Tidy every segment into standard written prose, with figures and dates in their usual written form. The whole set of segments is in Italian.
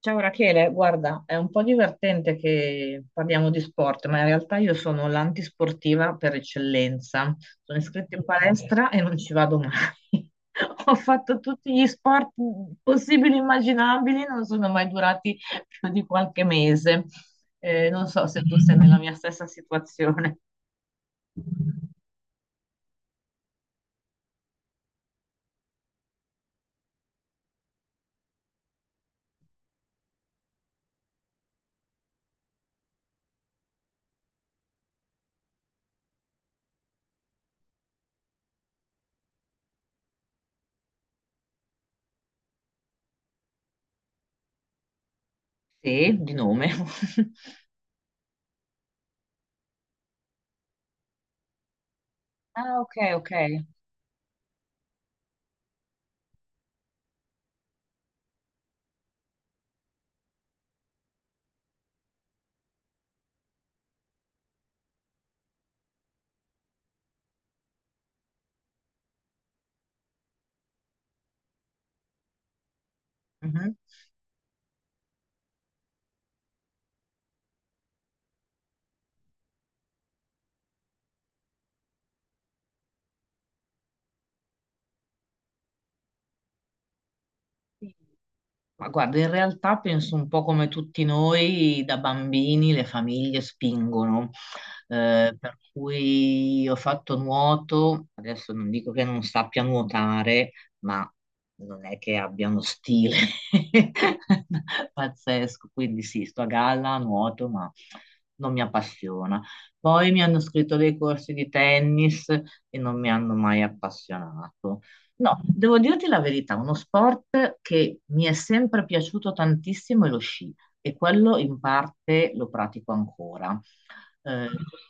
Ciao Rachele, guarda, è un po' divertente che parliamo di sport, ma in realtà io sono l'antisportiva per eccellenza. Sono iscritta in palestra e non ci vado mai. Ho fatto tutti gli sport possibili e immaginabili, non sono mai durati più di qualche mese. Non so se tu sei nella mia stessa situazione. Sì, di nome. Ah, ok, ok. Mhm. Ma guarda, in realtà penso un po' come tutti noi, da bambini le famiglie spingono, per cui io ho fatto nuoto, adesso non dico che non sappia nuotare, ma non è che abbia uno stile pazzesco, quindi sì, sto a galla, nuoto, ma non mi appassiona. Poi mi hanno scritto dei corsi di tennis e non mi hanno mai appassionato. No, devo dirti la verità, uno sport che mi è sempre piaciuto tantissimo è lo sci e quello in parte lo pratico ancora.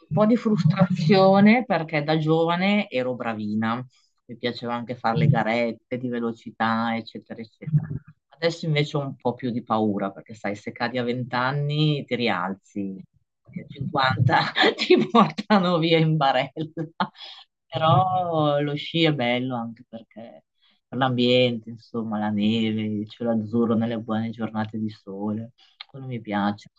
Un po' di frustrazione perché da giovane ero bravina, mi piaceva anche fare le garette di velocità, eccetera, eccetera. Adesso invece ho un po' più di paura perché sai, se cadi a 20 anni ti rialzi, a 50 ti portano via in barella. Però lo sci è bello anche perché per l'ambiente, insomma, la neve, il cielo azzurro nelle buone giornate di sole, quello mi piace.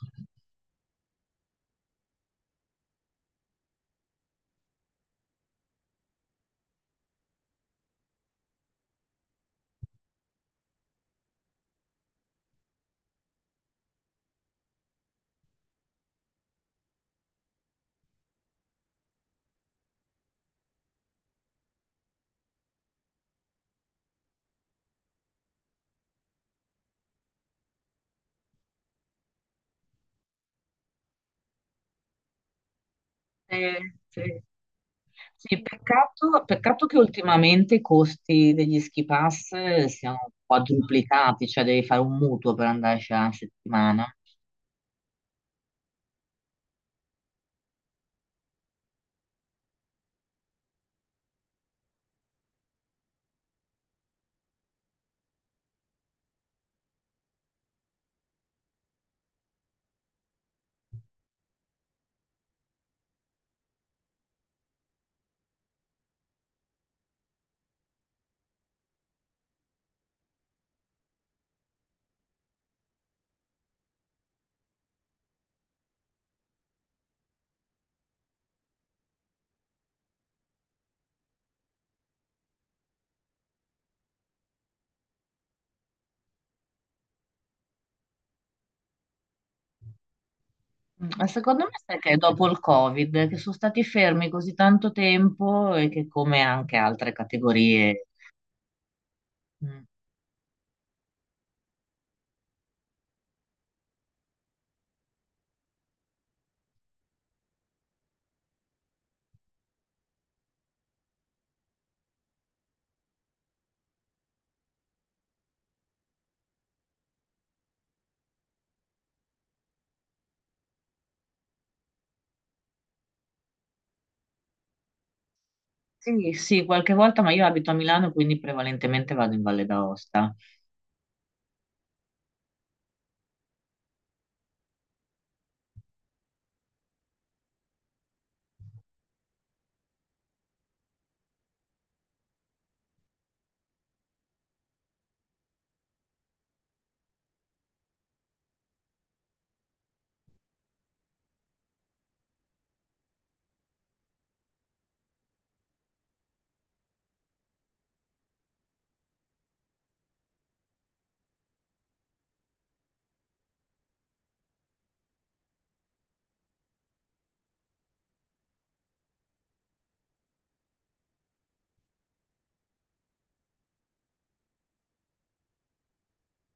Sì. Sì, peccato, peccato che ultimamente i costi degli ski pass siano quadruplicati, cioè devi fare un mutuo per andarci a settimana. Mm, ma secondo me sai che è dopo il Covid che sono stati fermi così tanto tempo e che come anche altre categorie. Mm. Sì, sì, qualche volta, ma io abito a Milano, quindi prevalentemente vado in Valle d'Aosta.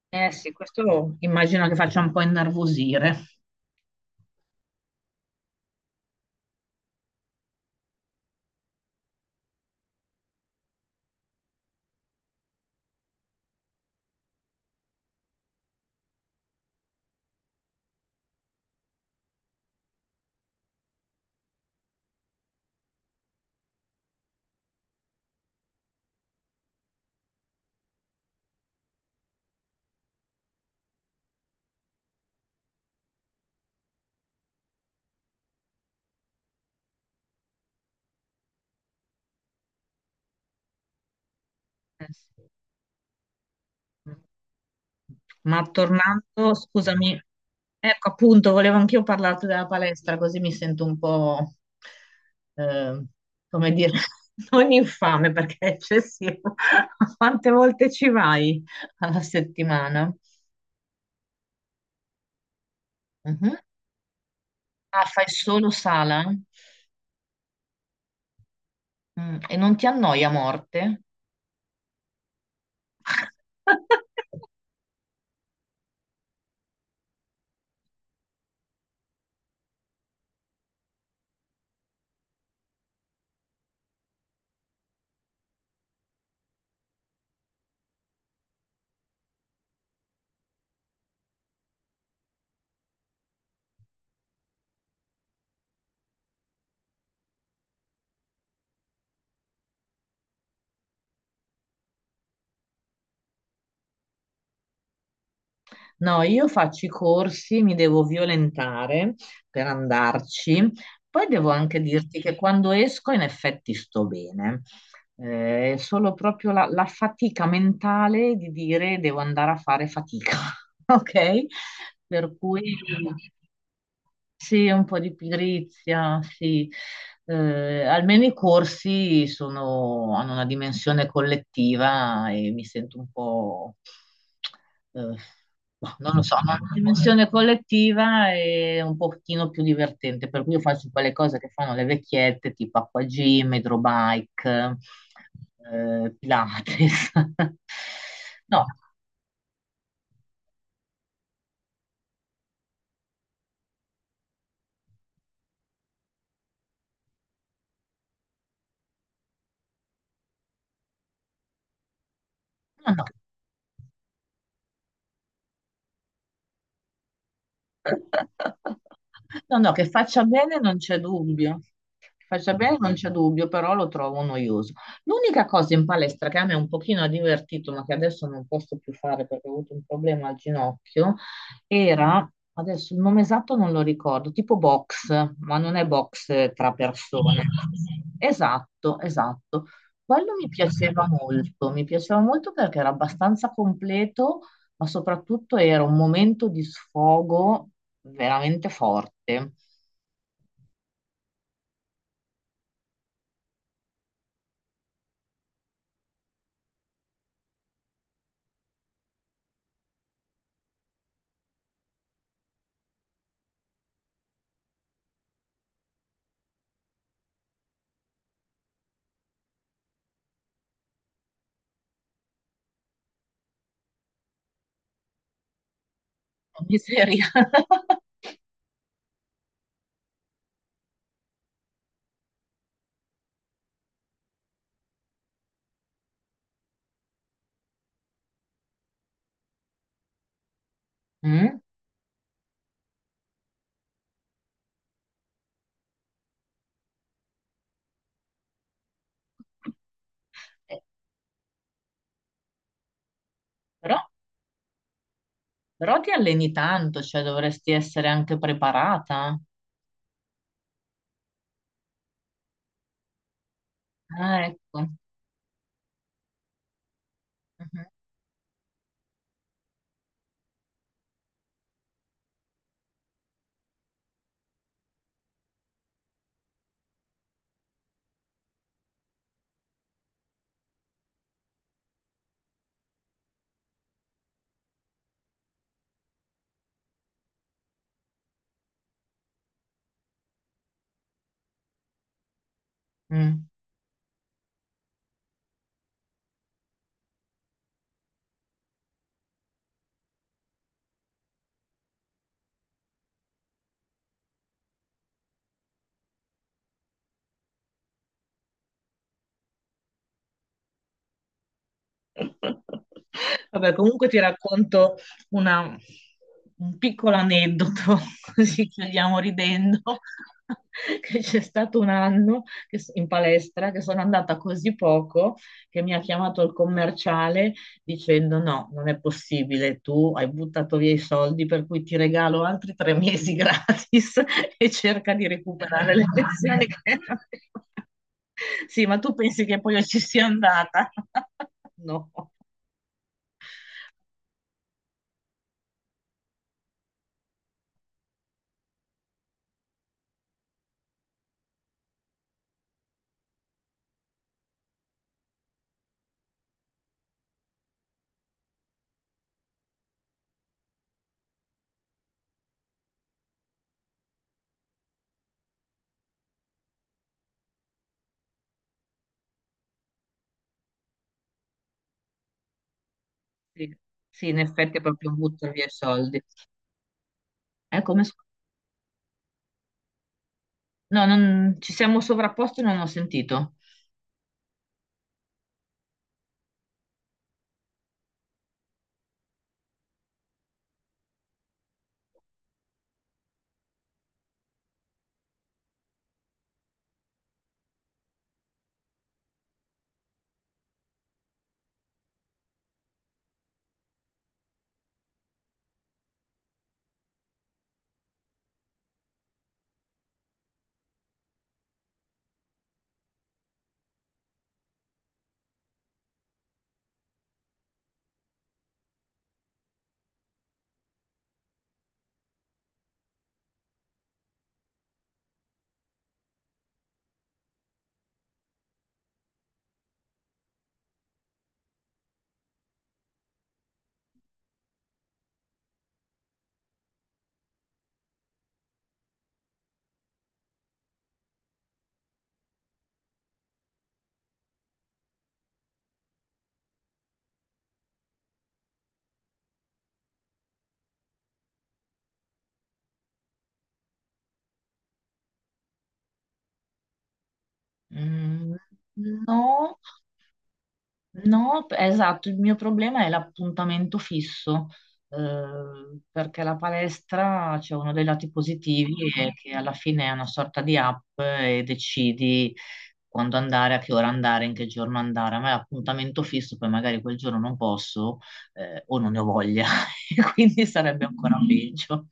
Eh sì, questo immagino che faccia un po' innervosire. Eh sì. Ma tornando, scusami, ecco appunto, volevo anch'io parlarti della palestra, così mi sento un po', eh, come dire, non infame perché è eccessivo. Quante volte ci vai alla settimana? Mhm. Ah, fai solo sala? Mm, e non ti annoia a morte? No, io faccio i corsi, mi devo violentare per andarci. Poi devo anche dirti che quando esco in effetti sto bene. È solo proprio la fatica mentale di dire devo andare a fare fatica, ok? Per cui... Sì, un po' di pigrizia, sì. Almeno i corsi hanno una dimensione collettiva e mi sento un po', eh, boh, non lo so, hanno una dimensione collettiva e un pochino più divertente, per cui io faccio quelle cose che fanno le vecchiette, tipo acquagym, hydrobike, Pilates. No, no, no, no, che faccia bene non c'è dubbio. Faccia bene non c'è dubbio, però lo trovo noioso. L'unica cosa in palestra che a me un pochino ha divertito, ma che adesso non posso più fare perché ho avuto un problema al ginocchio, era, adesso il nome esatto non lo ricordo, tipo box, ma non è box tra persone. Esatto, esatto. Quello mi piaceva molto perché era abbastanza completo ma soprattutto era un momento di sfogo veramente forte. Miseria. Mm? Eh, Però, però ti alleni tanto, cioè dovresti essere anche preparata. Ah, ecco. Mhm. Mm. Vabbè, comunque ti racconto una- un piccolo aneddoto, così chiudiamo ridendo, che c'è stato un anno in palestra che sono andata così poco che mi ha chiamato il commerciale dicendo no, non è possibile, tu hai buttato via i soldi per cui ti regalo altri 3 mesi gratis e cerca di recuperare le pensioni che... Sì, ma tu pensi che poi io ci sia andata? No, sì. Sì, in effetti è proprio butto via i soldi. È come... s- No, non... ci siamo sovrapposti e non ho sentito. Mm, no. Esatto, il mio problema è l'appuntamento fisso, perché la palestra c'è uno dei lati positivi è che alla fine è una sorta di app e decidi quando andare, a che ora andare, in che giorno andare. A me l'appuntamento fisso, poi magari quel giorno non posso, o non ne ho voglia, e quindi sarebbe ancora peggio.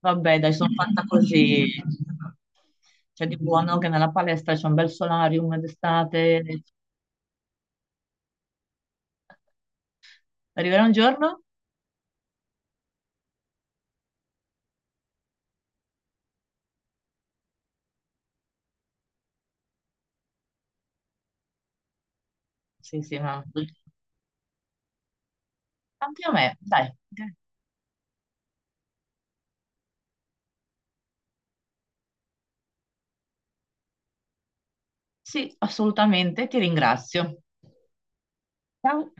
Vabbè, dai, sono fatta così. C'è di buono che nella palestra c'è un bel solarium d'estate. Arriverà un giorno? Sì, sì, ma anche a me, dai. Sì, assolutamente, ti ringrazio. Ciao.